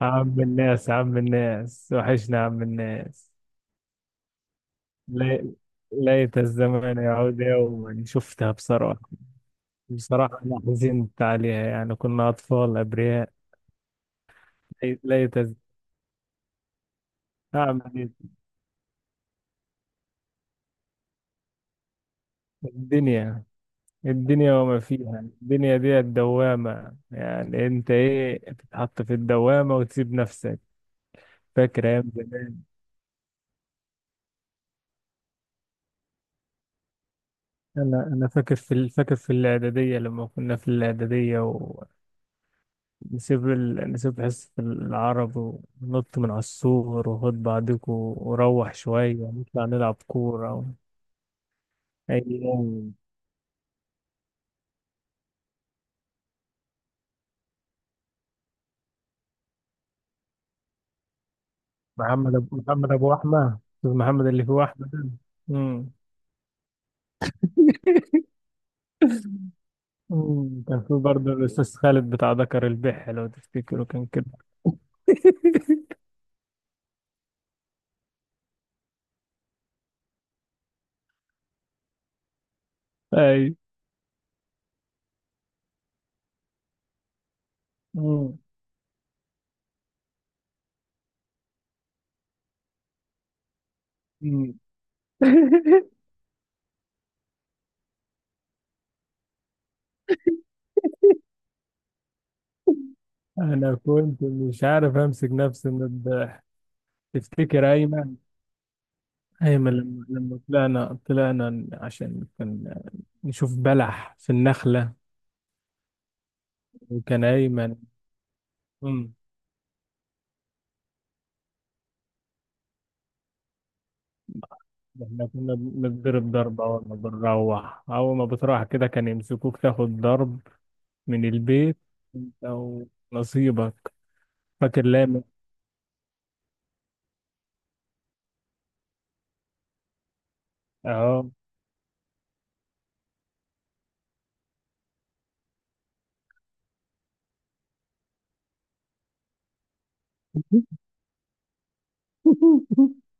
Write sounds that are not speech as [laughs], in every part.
عم الناس، عم الناس وحشنا عم الناس. لي- ليت الزمن يعود يوما، شفتها بصراحة. بصراحة أنا حزنت عليها، يعني كنا أطفال أبرياء. لي- ليت الز- أعمل إيه؟ الدنيا الدنيا وما فيها، الدنيا دي الدوامة، يعني أنت إيه بتتحط في الدوامة وتسيب نفسك. فاكر أيام زمان. أنا فاكر فاكر في الإعدادية، لما كنا في الإعدادية نسيب نسيب حصة العرب ونط من على السور وخد بعضكم وروح شوية نطلع نلعب كورة أي يوم. محمد أبو، محمد أبو أحمد، أستاذ محمد اللي فيه أحمد ده. مم. مم. كان فيه برضه الأستاذ خالد بتاع ذكر البح، لو تفتكروا كان كده. أي. مم. مم. [laughs] أنا كنت مش عارف أمسك نفسي من الضحك. تفتكر أيمن؟ أيمن لما طلعنا عشان كان نشوف بلح في النخلة، وكان أيمن. أمم، إحنا كنا بنضرب ضرب أول ما بنروح، أول ما بتروح كده كان يمسكوك تاخد ضرب من البيت. أنت ونصيبك. فاكر لامن؟ أهو. [laughs]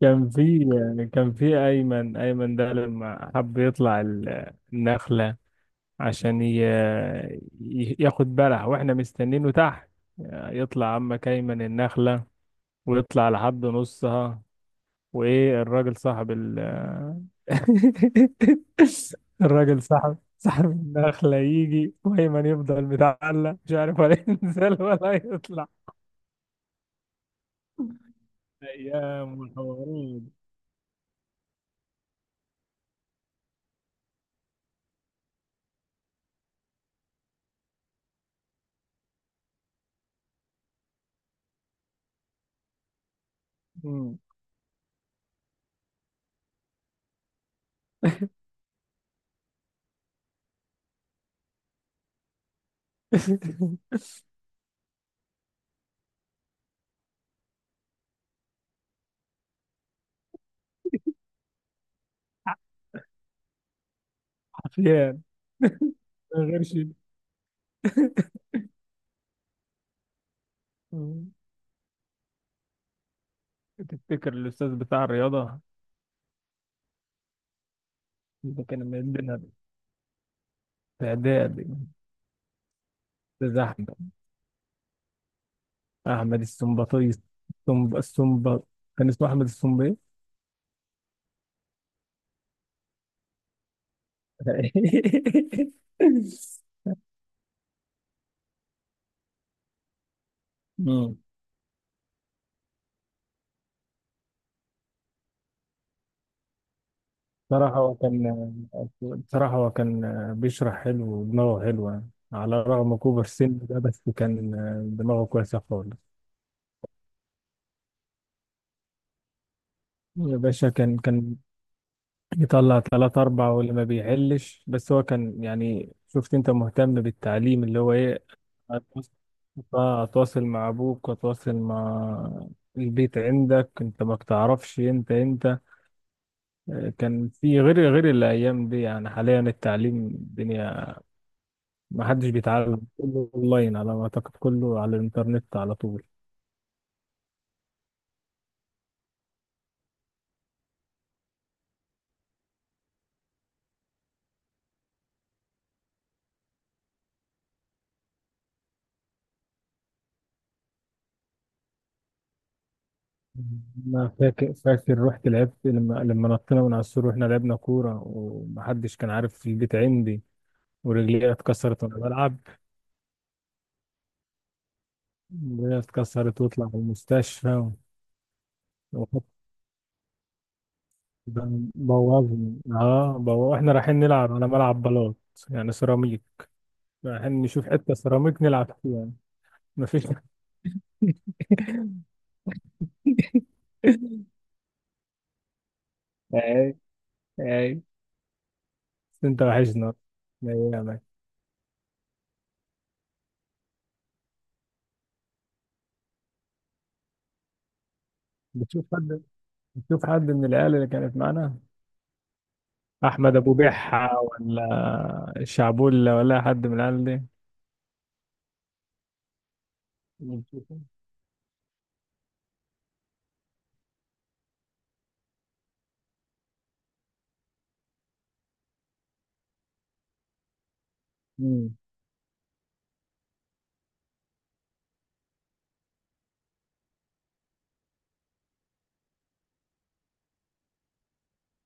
كان في كان في أيمن، أيمن ده لما حب يطلع النخلة عشان ياخد بلح وإحنا مستنينه تحت. يطلع عمك أيمن النخلة ويطلع لحد نصها، وايه، الراجل صاحب [laughs] الراجل صاحب، صاحب النخلة يجي، وأيمن يفضل متعلق مش عارف ولا [laughs] ينزل ولا يطلع. أيام وحوارات. مم. [laughs] حرفيا، من غير شيء. مم. تفتكر الأستاذ بتاع الرياضة اللي كان مدينا في إعدادي؟ الأستاذ أحمد، أحمد السمبطيس، السمب، السمب، كان اسمه أحمد السمبي. [laughs] مم. بصراحة هو كان، بصراحة هو كان بيشرح حلو ودماغه حلوة، على الرغم كبر السن ده، بس كان دماغه كويسة خالص. يا باشا كان، كان يطلع تلات أربع واللي ما بيحلش، بس هو كان يعني، شفت أنت، مهتم بالتعليم اللي هو إيه، أتواصل، أتواصل مع أبوك، أتواصل مع البيت عندك. أنت ما بتعرفش، أنت كان في، غير الأيام دي. يعني حاليا التعليم، الدنيا ما حدش بيتعلم، كله اونلاين على ما اعتقد، كله على الانترنت على طول. انا فاكر، فاكر رحت لعبت لما نطينا من على السور، واحنا لعبنا كوره ومحدش كان عارف في البيت عندي، ورجلي اتكسرت وانا بلعب. رجلي اتكسرت واطلع في المستشفى. وحط، بوظني، احنا رايحين نلعب على ملعب بلاط، يعني سيراميك. رايحين نشوف حته سيراميك نلعب فيها يعني. مفيش. [laughs] اي، اي، بس انت وحشنا. ايامك. بتشوف حد؟ نشوف حد من العيال اللي كانت معانا، احمد ابو بحة، ولا الشعبولة، ولا حد من العيال دي؟ ونشوفه. مم.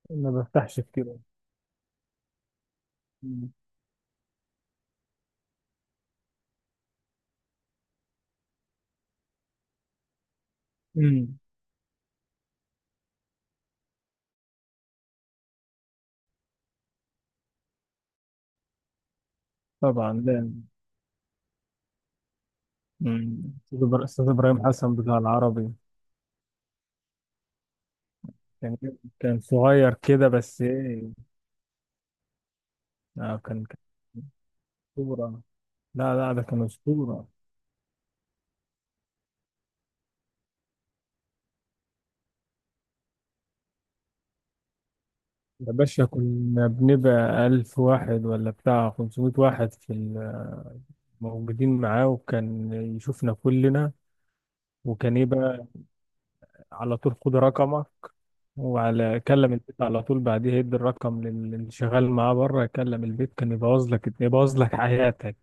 ما بفتحش كتير. مم. مم. طبعا. لا. مم. أستاذ إبر-، أستاذ إبراهيم حسن بتاع العربي. كان، كان صغير كده بس إيه، آه كان، كان أسطورة. لا لا، ده كان أسطورة. يا باشا كنا بنبقى ألف واحد ولا بتاع 500 واحد موجودين معاه، وكان يشوفنا كلنا. وكان ايه بقى، على طول خد رقمه وعلى كلم البيت على طول بعديها، يدي الرقم للي شغال معاه بره يكلم البيت. كان يبوظ لك، يبوظ لك حياتك.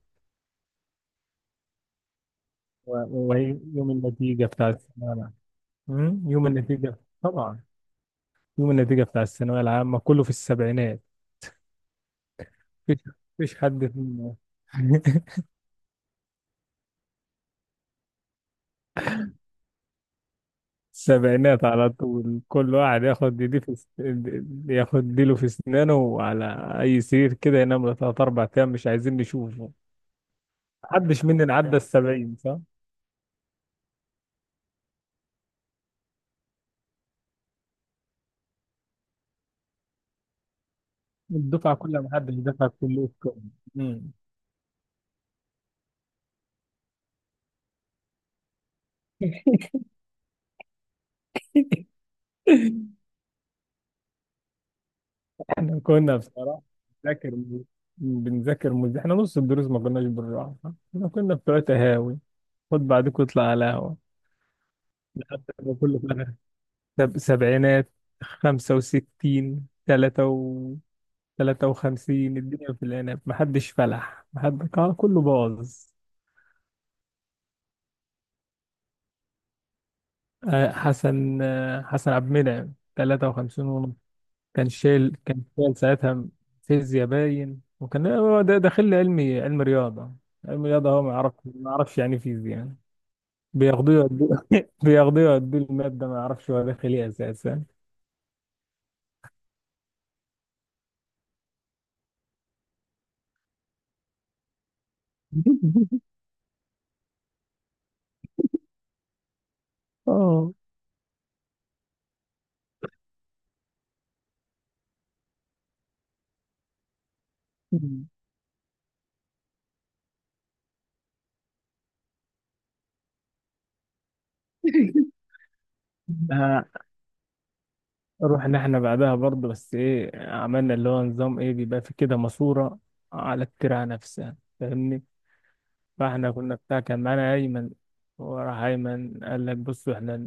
و- ويوم النتيجة بتاع الثانوية العامة. يوم النتيجة. طبعا. يوم النتيجة بتاع الثانوية العامة كله في السبعينات. مفيش، مفيش حد في، [laughs] السبعينات على طول. كل واحد ياخد دي في ياخد ديله في اسنانه، وعلى اي سرير كده ينام له تلات اربع ايام، مش عايزين نشوفه. محدش مننا عدى السبعين، صح؟ الدفعة كلها محدش دفع كله. امم. [laughs] احنا كنا بصراحة بنذاكر، احنا نص الدروس ما كناش بنروح. احنا كنا بتوع تهاوي، خد بعدك واطلع على قهوة. لحد ما كله في الآخر، سبعينات، خمسة وستين، تلاتة تلاتة وخمسين، الدنيا في العنب محدش فلح، محد، آه، كله باظ. آه، حسن، آه، حسن عبد المنعم 53 ونص. كان شايل، كان شايل ساعتها فيزياء باين، وكان هو ده داخل لي علمي، علم رياضة. علم رياضة هو ما يعرف، ما يعرفش يعني فيزياء يعني. بياخدوه يودوه، [laughs] بياخدوه يودوه، المادة ما يعرفش هو داخل ايه أساسا. اه. آه، رحنا احنا بعدها برضه، بس ايه عملنا، اللي هو نظام ايه، بيبقى في كده ماسورة على الترعة نفسها، فاهمني؟ فاحنا كنا بتاع، كان معانا أيمن، وراح أيمن قال لك بصوا، احنا ن-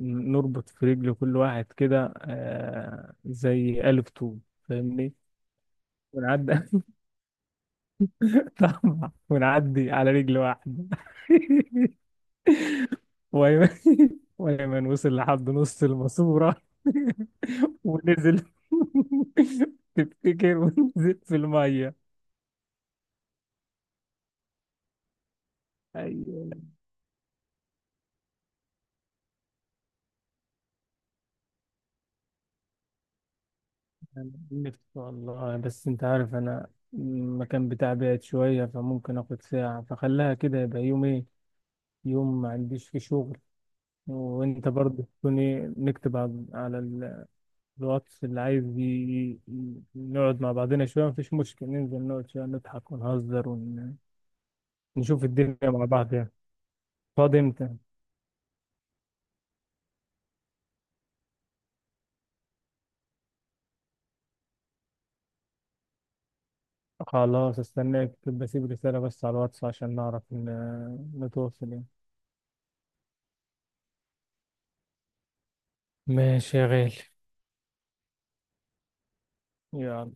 ن- نربط في رجل كل واحد كده، آه زي ألف طول، فاهمني؟ ونعدي. [laughs] طبعا، ونعدي على رجل واحدة. [laughs] وأيمن، وأيمن وصل لحد نص الماسورة [laughs] ونزل. [laughs] تفتكر، ونزل في المية. ايوه، نفسي والله، بس انت عارف انا المكان بتاعي بعيد شوية، فممكن اخد ساعة، فخليها كده، يبقى يوم ايه، يوم ما عنديش فيه شغل. وانت برضه تكون، ايه، نكتب على، على الواتس اللي عايز، نقعد مع بعضنا شوية، مفيش مشكلة ننزل نقعد شوية نضحك ونهزر ونشوف الدنيا مع بعض يعني. فاضي امتى؟ خلاص استناك، بسيب رسالة بس على الواتس عشان نعرف نتواصل يعني. ماشي يا غالي. يلا.